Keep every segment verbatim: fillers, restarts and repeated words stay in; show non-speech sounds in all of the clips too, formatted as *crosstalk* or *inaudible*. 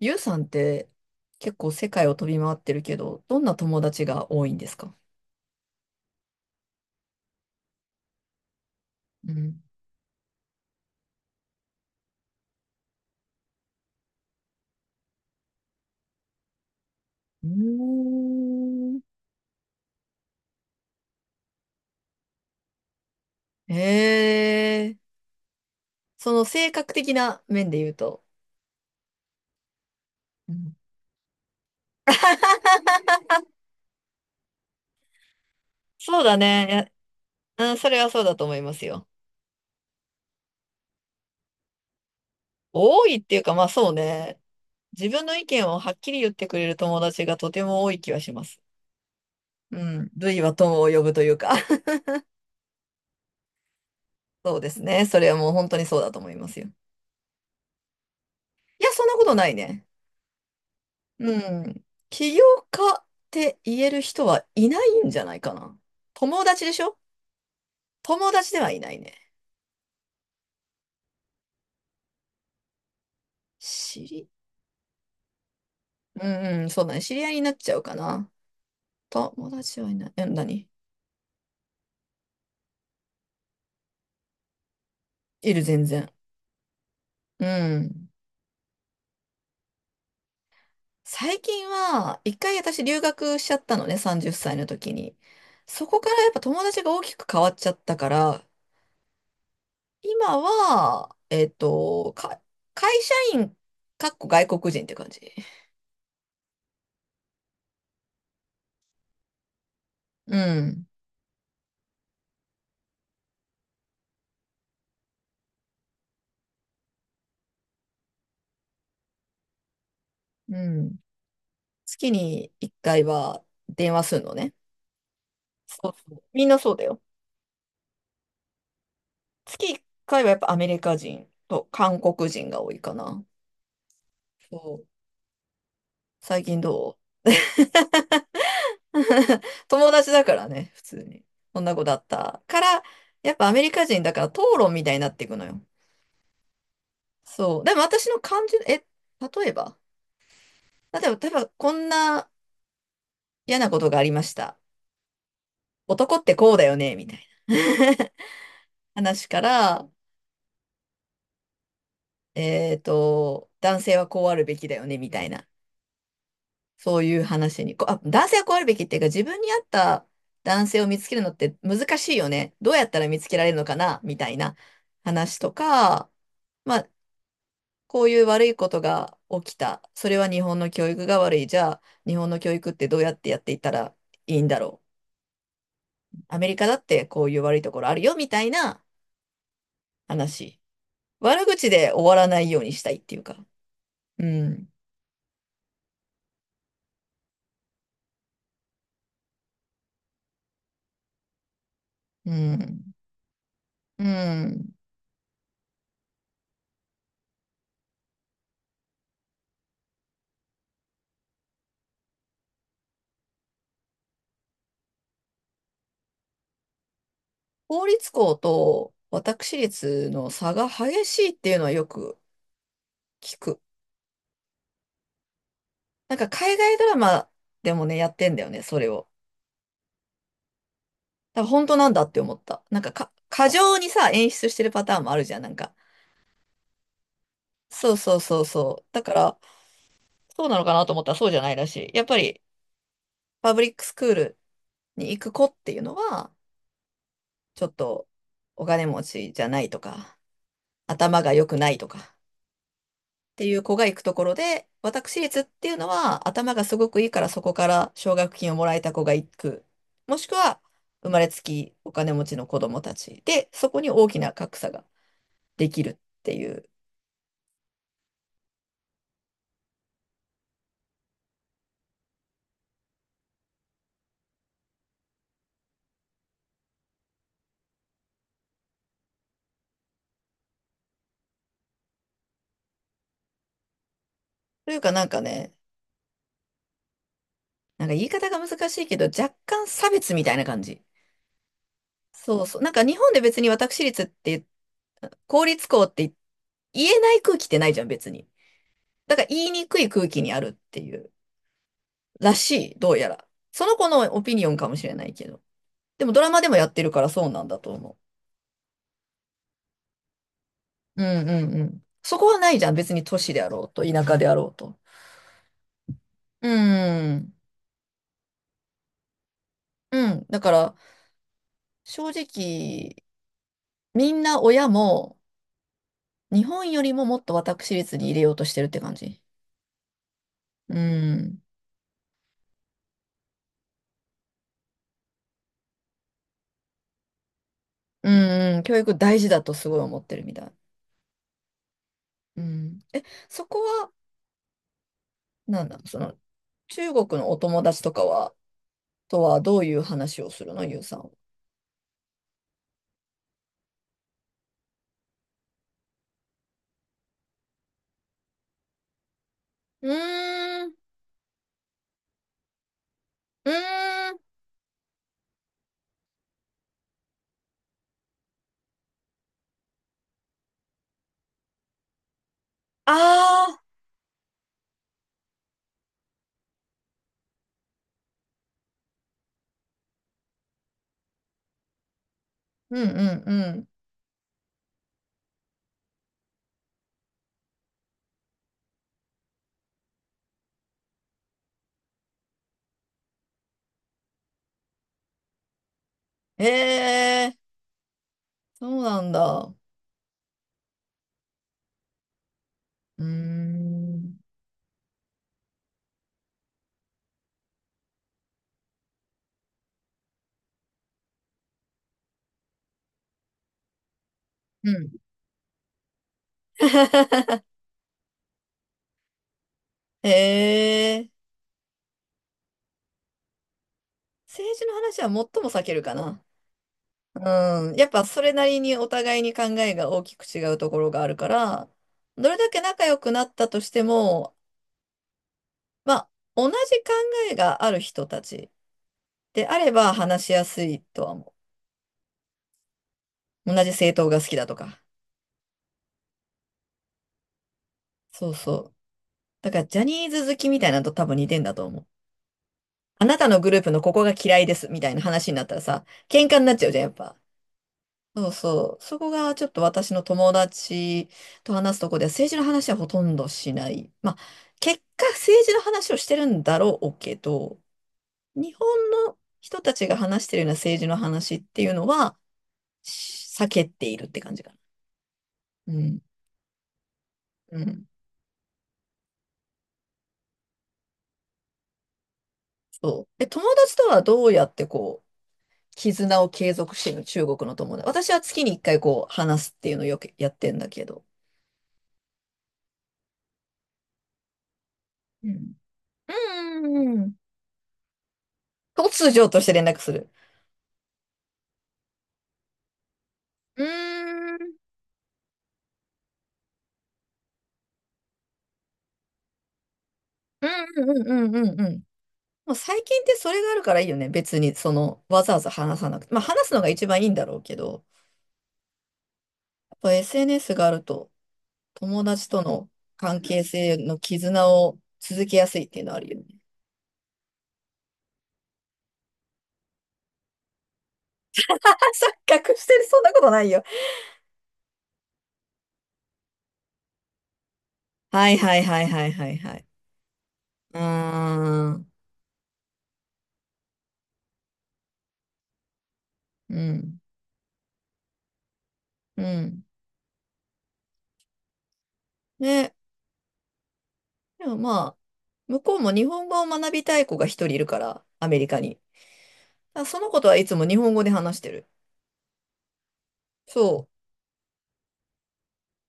ゆうさんって結構世界を飛び回ってるけど、どんな友達が多いんですか？うん。うーん。ええ。その性格的な面で言うと。うん。そうだね。いや、うん、それはそうだと思いますよ。多いっていうか、まあそうね。自分の意見をはっきり言ってくれる友達がとても多い気はします。うん。類は友を呼ぶというか。 *laughs* そうですね。それはもう本当にそうだと思いますよ。いや、そんなことないね。うん。起業家って言える人はいないんじゃないかな。友達でしょ？友達ではいないね。知り、うんうん、そうだね。知り合いになっちゃうかな。友達はいない。え、何？いる、全然。うん。最近は、一回私留学しちゃったのね、さんじゅっさいの時に。そこからやっぱ友達が大きく変わっちゃったから、今は、えっと、か、会社員、かっこ外国人って感じ。うん。うん。月にいっかいは電話するのね。そうそう。みんなそうだよ。月つきいっかいはやっぱアメリカ人と韓国人が多いかな。そう。最近どう？ *laughs* 友達だからね、普通に。こんな子だったから、やっぱアメリカ人だから討論みたいになっていくのよ。そう。でも私の感じ、え、例えば、例えば、例えばこんな嫌なことがありました。男ってこうだよね、みたいな。 *laughs* 話から、えっと、男性はこうあるべきだよね、みたいな、そういう話に、こう、あ、男性はこうあるべきっていうか、自分に合った男性を見つけるのって難しいよね。どうやったら見つけられるのかな、みたいな話とか、まあ、こういう悪いことが起きた。それは日本の教育が悪い。じゃあ、日本の教育ってどうやってやっていったらいいんだろう。アメリカだってこういう悪いところあるよ、みたいな話。悪口で終わらないようにしたいっていうか。うん。うん。うん。公立校と私立の差が激しいっていうのはよく聞く。なんか海外ドラマでもね、やってんだよね、それを。だから本当なんだって思った。なんか、か、過剰にさ、演出してるパターンもあるじゃん、なんか。そうそうそうそう。だから、そうなのかなと思ったらそうじゃないらしい。やっぱり、パブリックスクールに行く子っていうのは、ちょっとお金持ちじゃないとか、頭が良くないとか。っていう子が行くところで、私立っていうのは頭がすごくいいからそこから奨学金をもらえた子が行く。もしくは生まれつきお金持ちの子供たちで、そこに大きな格差ができるっていう。というかなんかね、なんか言い方が難しいけど若干差別みたいな感じ。そうそう。なんか日本で別に私立って言公立校って言えない空気ってないじゃん別に。だから言いにくい空気にあるっていうらしい、どうやら。その子のオピニオンかもしれないけど。でもドラマでもやってるからそうなんだと思う。うんうんうん。そこはないじゃん。別に都市であろうと、田舎であろうと。うん。うん。だから、正直、みんな親も、日本よりももっと私立に入れようとしてるって感じ。うん。うんうん。教育大事だとすごい思ってるみたい。うん。え、そこは、なんだ、その、中国のお友達とかは、とはどういう話をするの、ゆうさんは？うーん。うーん。ああ。うんうんうん。ええ、そうなんだ。うーん。うん。*laughs* へえ、政治の話は最も避けるかな。うん。やっぱそれなりにお互いに考えが大きく違うところがあるから、どれだけ仲良くなったとしても、まあ、同じ考えがある人たちであれば話しやすいとは思う。同じ政党が好きだとか。そうそう。だからジャニーズ好きみたいなのと多分似てんだと思う。あなたのグループのここが嫌いですみたいな話になったらさ、喧嘩になっちゃうじゃん、やっぱ。そうそう。そこがちょっと私の友達と話すとこでは政治の話はほとんどしない。まあ、結果政治の話をしてるんだろうけど、日本の人たちが話してるような政治の話っていうのはし避けているって感じかな。うん。うん。そう。え、友達とはどうやってこう、絆を継続してるの？中国の友達。私は月に一回こう話すっていうのをよくやってんだけど。うんうんうんうんうん。突如として連絡する。うーん。うんうんうんうんうん。もう最近ってそれがあるからいいよね。別に、その、わざわざ話さなくて。まあ、話すのが一番いいんだろうけど、やっぱ エスエヌエス があると、友達との関係性の絆を続けやすいっていうのはあるよね。*laughs* 錯覚してる。そんなことないよ。はいはいはいはいはいはい。うーん。うん。うん。ね。でもまあ、向こうも日本語を学びたい子が一人いるから、アメリカに。あ、そのことはいつも日本語で話してる。そ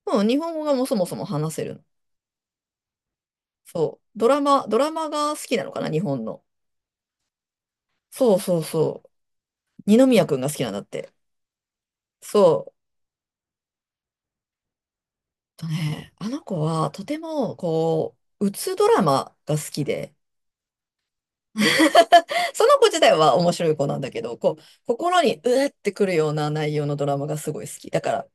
う。うん、日本語がもうそもそも話せるの。そう。ドラマ、ドラマが好きなのかな、日本の。そうそうそう。二宮くんが好きなんだって。そう。えっとね、あの子はとても、こう、うつドラマが好きで、*laughs* その子自体は面白い子なんだけど、こう、心にうえってくるような内容のドラマがすごい好き。だから、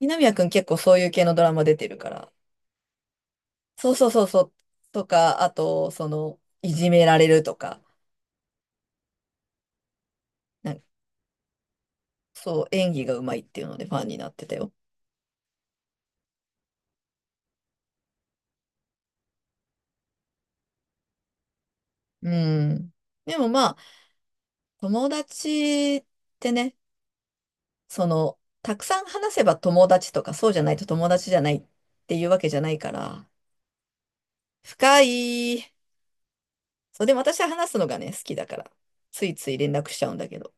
二宮くん結構そういう系のドラマ出てるから、そうそうそうそう、とか、あと、その、いじめられるとか、なんかそう、演技がうまいっていうのでファンになってたよ。うん。でもまあ、友達ってね、その、たくさん話せば友達とか、そうじゃないと友達じゃないっていうわけじゃないから、深い。そう、でも私は話すのがね、好きだから、ついつい連絡しちゃうんだけど。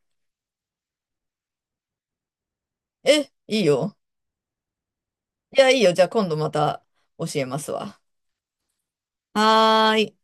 え、いいよ。いや、いいよ。じゃあ今度また教えますわ。はーい。